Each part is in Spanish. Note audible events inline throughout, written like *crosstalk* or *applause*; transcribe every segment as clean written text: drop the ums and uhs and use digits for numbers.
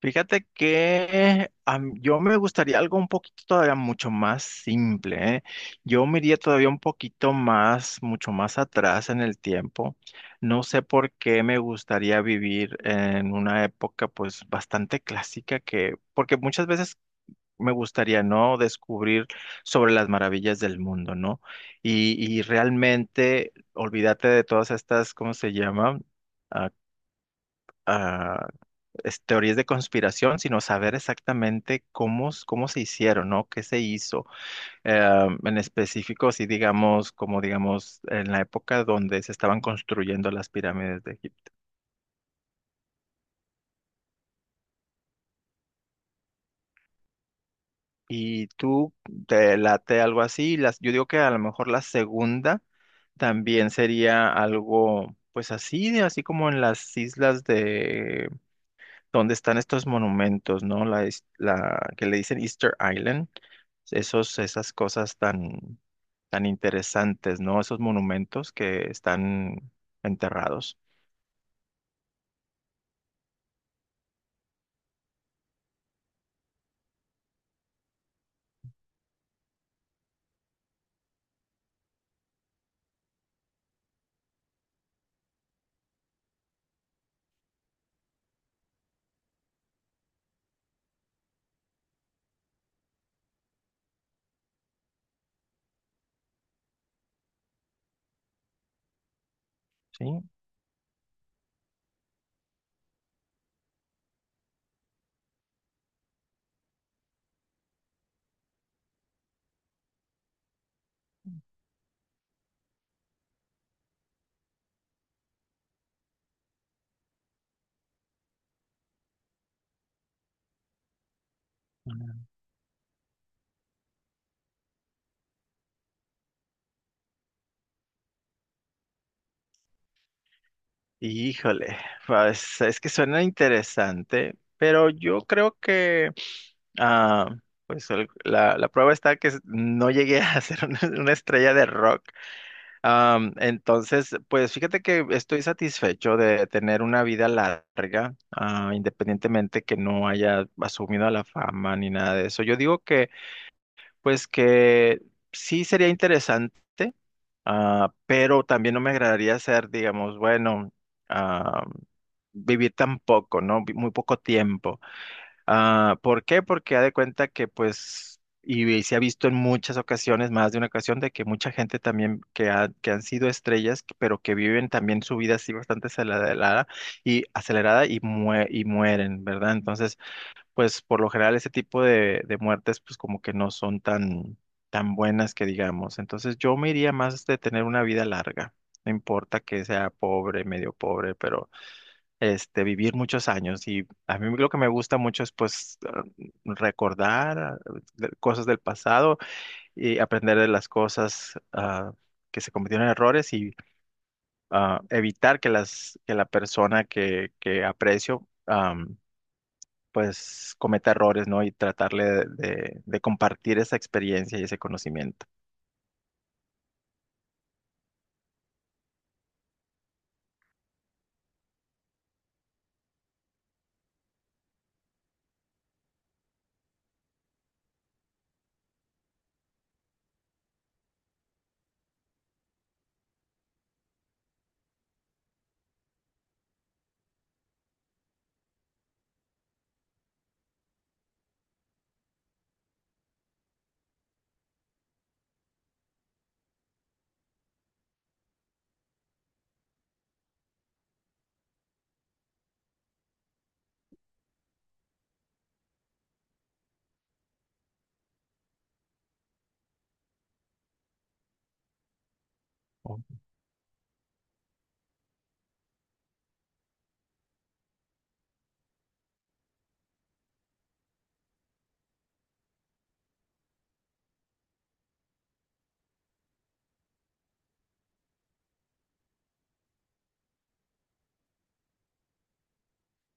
Fíjate que yo me gustaría algo un poquito todavía mucho más simple, ¿eh? Yo me iría todavía un poquito más, mucho más atrás en el tiempo. No sé por qué me gustaría vivir en una época pues bastante clásica que, porque muchas veces me gustaría, ¿no? Descubrir sobre las maravillas del mundo, ¿no? Y realmente olvídate de todas estas, ¿cómo se llama? Teorías de conspiración, sino saber exactamente cómo se hicieron, ¿no? ¿Qué se hizo? En específico, si digamos, como digamos, en la época donde se estaban construyendo las pirámides de Egipto. Y tú te late algo así, yo digo que a lo mejor la segunda también sería algo, pues así, así como en las islas donde están estos monumentos, ¿no? La que le dicen Easter Island, esos, esas cosas tan, tan interesantes, ¿no? Esos monumentos que están enterrados. ¿Sí? Ujú. Híjole, pues es que suena interesante, pero yo creo que, ah, pues la prueba está que no llegué a *laughs* ser una estrella de rock. Entonces, pues fíjate que estoy satisfecho de tener una vida larga, independientemente que no haya asumido la fama ni nada de eso. Yo digo que, pues que sí sería interesante, pero también no me agradaría ser, digamos, bueno, ah, vivir tan poco, ¿no? Muy poco tiempo. Ah, ¿por qué? Porque ha de cuenta que pues, y se ha visto en muchas ocasiones, más de una ocasión, de que mucha gente también que, que han sido estrellas, pero que viven también su vida así bastante acelerada y acelerada y mueren, ¿verdad? Entonces, pues por lo general ese tipo de muertes pues como que no son tan, tan buenas que digamos. Entonces yo me iría más de tener una vida larga. No importa que sea pobre, medio pobre, pero vivir muchos años y a mí lo que me gusta mucho es pues recordar cosas del pasado y aprender de las cosas que se cometieron en errores y evitar que las que la persona que aprecio, pues cometa errores, ¿no? Y tratarle de compartir esa experiencia y ese conocimiento. Oh.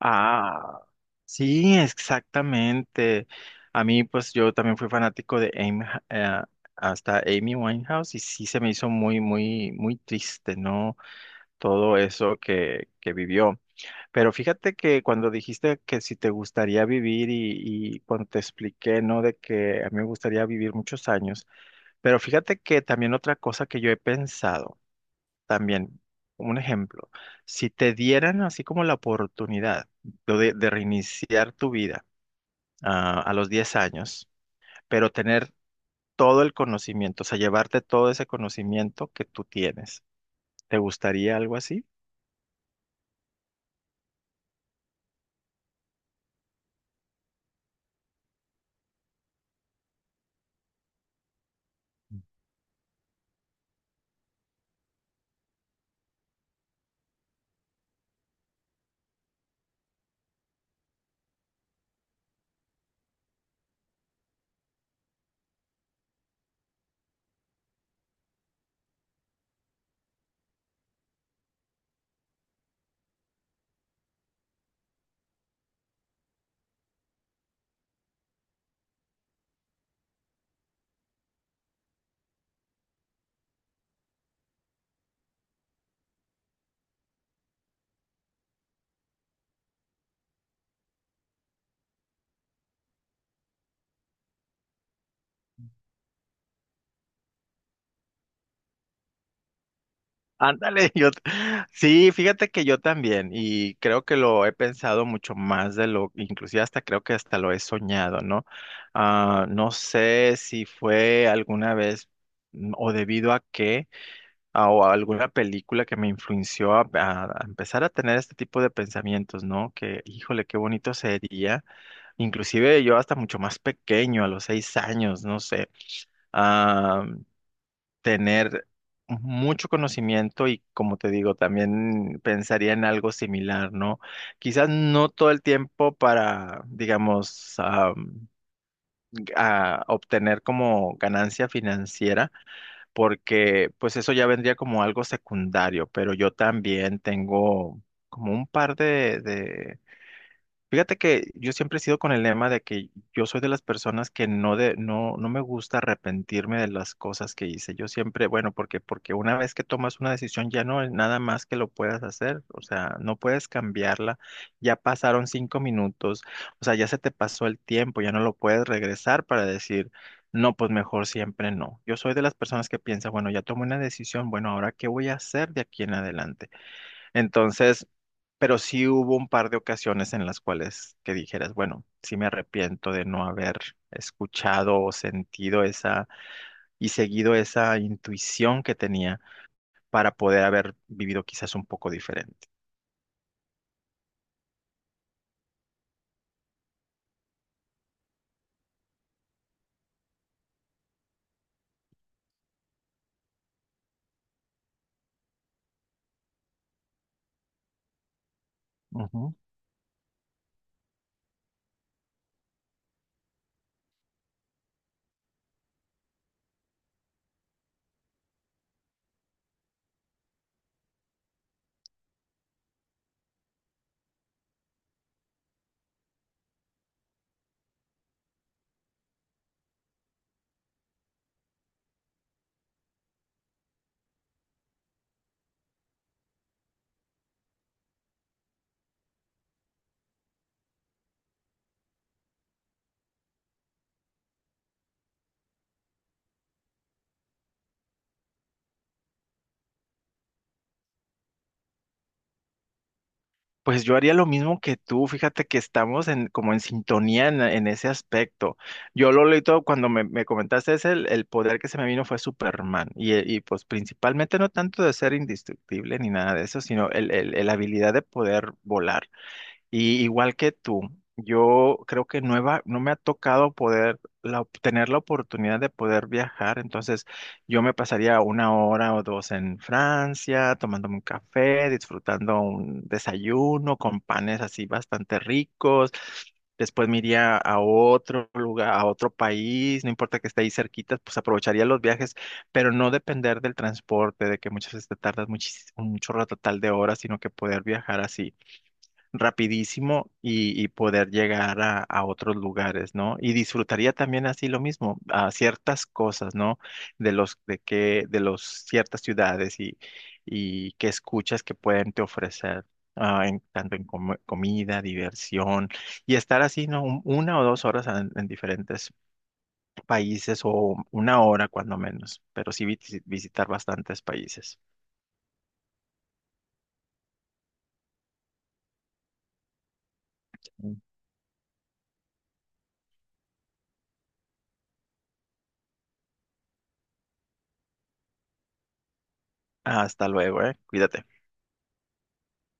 Ah, sí, exactamente. A mí, pues yo también fui fanático de Amy, eh, hasta Amy Winehouse y sí se me hizo muy, muy, muy triste, ¿no? Todo eso que vivió. Pero fíjate que cuando dijiste que si te gustaría vivir y cuando te expliqué, ¿no? De que a mí me gustaría vivir muchos años. Pero fíjate que también otra cosa que yo he pensado, también, un ejemplo, si te dieran así como la oportunidad de reiniciar tu vida, a los 10 años, pero tener todo el conocimiento, o sea, llevarte todo ese conocimiento que tú tienes. ¿Te gustaría algo así? Ándale, *laughs* sí, fíjate que yo también, y creo que lo he pensado mucho más de lo, inclusive hasta creo que hasta lo he soñado, ¿no? Ah, no sé si fue alguna vez, o debido a qué, o a alguna película que me influenció a empezar a tener este tipo de pensamientos, ¿no? Que, híjole, qué bonito sería. Inclusive yo hasta mucho más pequeño, a los 6 años, no sé, a tener mucho conocimiento y como te digo, también pensaría en algo similar, ¿no? Quizás no todo el tiempo para, digamos, a obtener como ganancia financiera, porque pues eso ya vendría como algo secundario, pero yo también tengo como un par de. Fíjate que yo siempre he sido con el lema de que yo soy de las personas que no me gusta arrepentirme de las cosas que hice. Yo siempre, bueno, porque una vez que tomas una decisión ya no hay nada más que lo puedas hacer, o sea, no puedes cambiarla. Ya pasaron 5 minutos, o sea, ya se te pasó el tiempo, ya no lo puedes regresar para decir, no, pues mejor siempre no. Yo soy de las personas que piensa, bueno, ya tomé una decisión, bueno, ahora ¿qué voy a hacer de aquí en adelante? Entonces, pero sí hubo un par de ocasiones en las cuales que dijeras, bueno, sí me arrepiento de no haber escuchado o sentido esa y seguido esa intuición que tenía para poder haber vivido quizás un poco diferente. Ujú. Pues yo haría lo mismo que tú, fíjate que estamos como en sintonía en ese aspecto. Yo lo leí todo cuando me comentaste el poder que se me vino fue Superman. Y, pues principalmente no tanto de ser indestructible ni nada de eso, sino el habilidad de poder volar. Y igual que tú, yo creo que no me ha tocado poder tener la oportunidad de poder viajar. Entonces, yo me pasaría una hora o dos en Francia, tomándome un café, disfrutando un desayuno con panes así bastante ricos. Después me iría a otro lugar, a otro país, no importa que esté ahí cerquita, pues aprovecharía los viajes, pero no depender del transporte, de que muchas veces te tardas un chorro total de horas, sino que poder viajar así rapidísimo y poder llegar a otros lugares, ¿no? Y disfrutaría también así lo mismo, a ciertas cosas, ¿no? De los, de que, de los ciertas ciudades y que escuchas que pueden te ofrecer. Tanto en comida, diversión y estar así, ¿no? Una o dos horas en diferentes países o una hora cuando menos, pero sí visitar bastantes países. Hasta luego, ¿eh? Cuídate.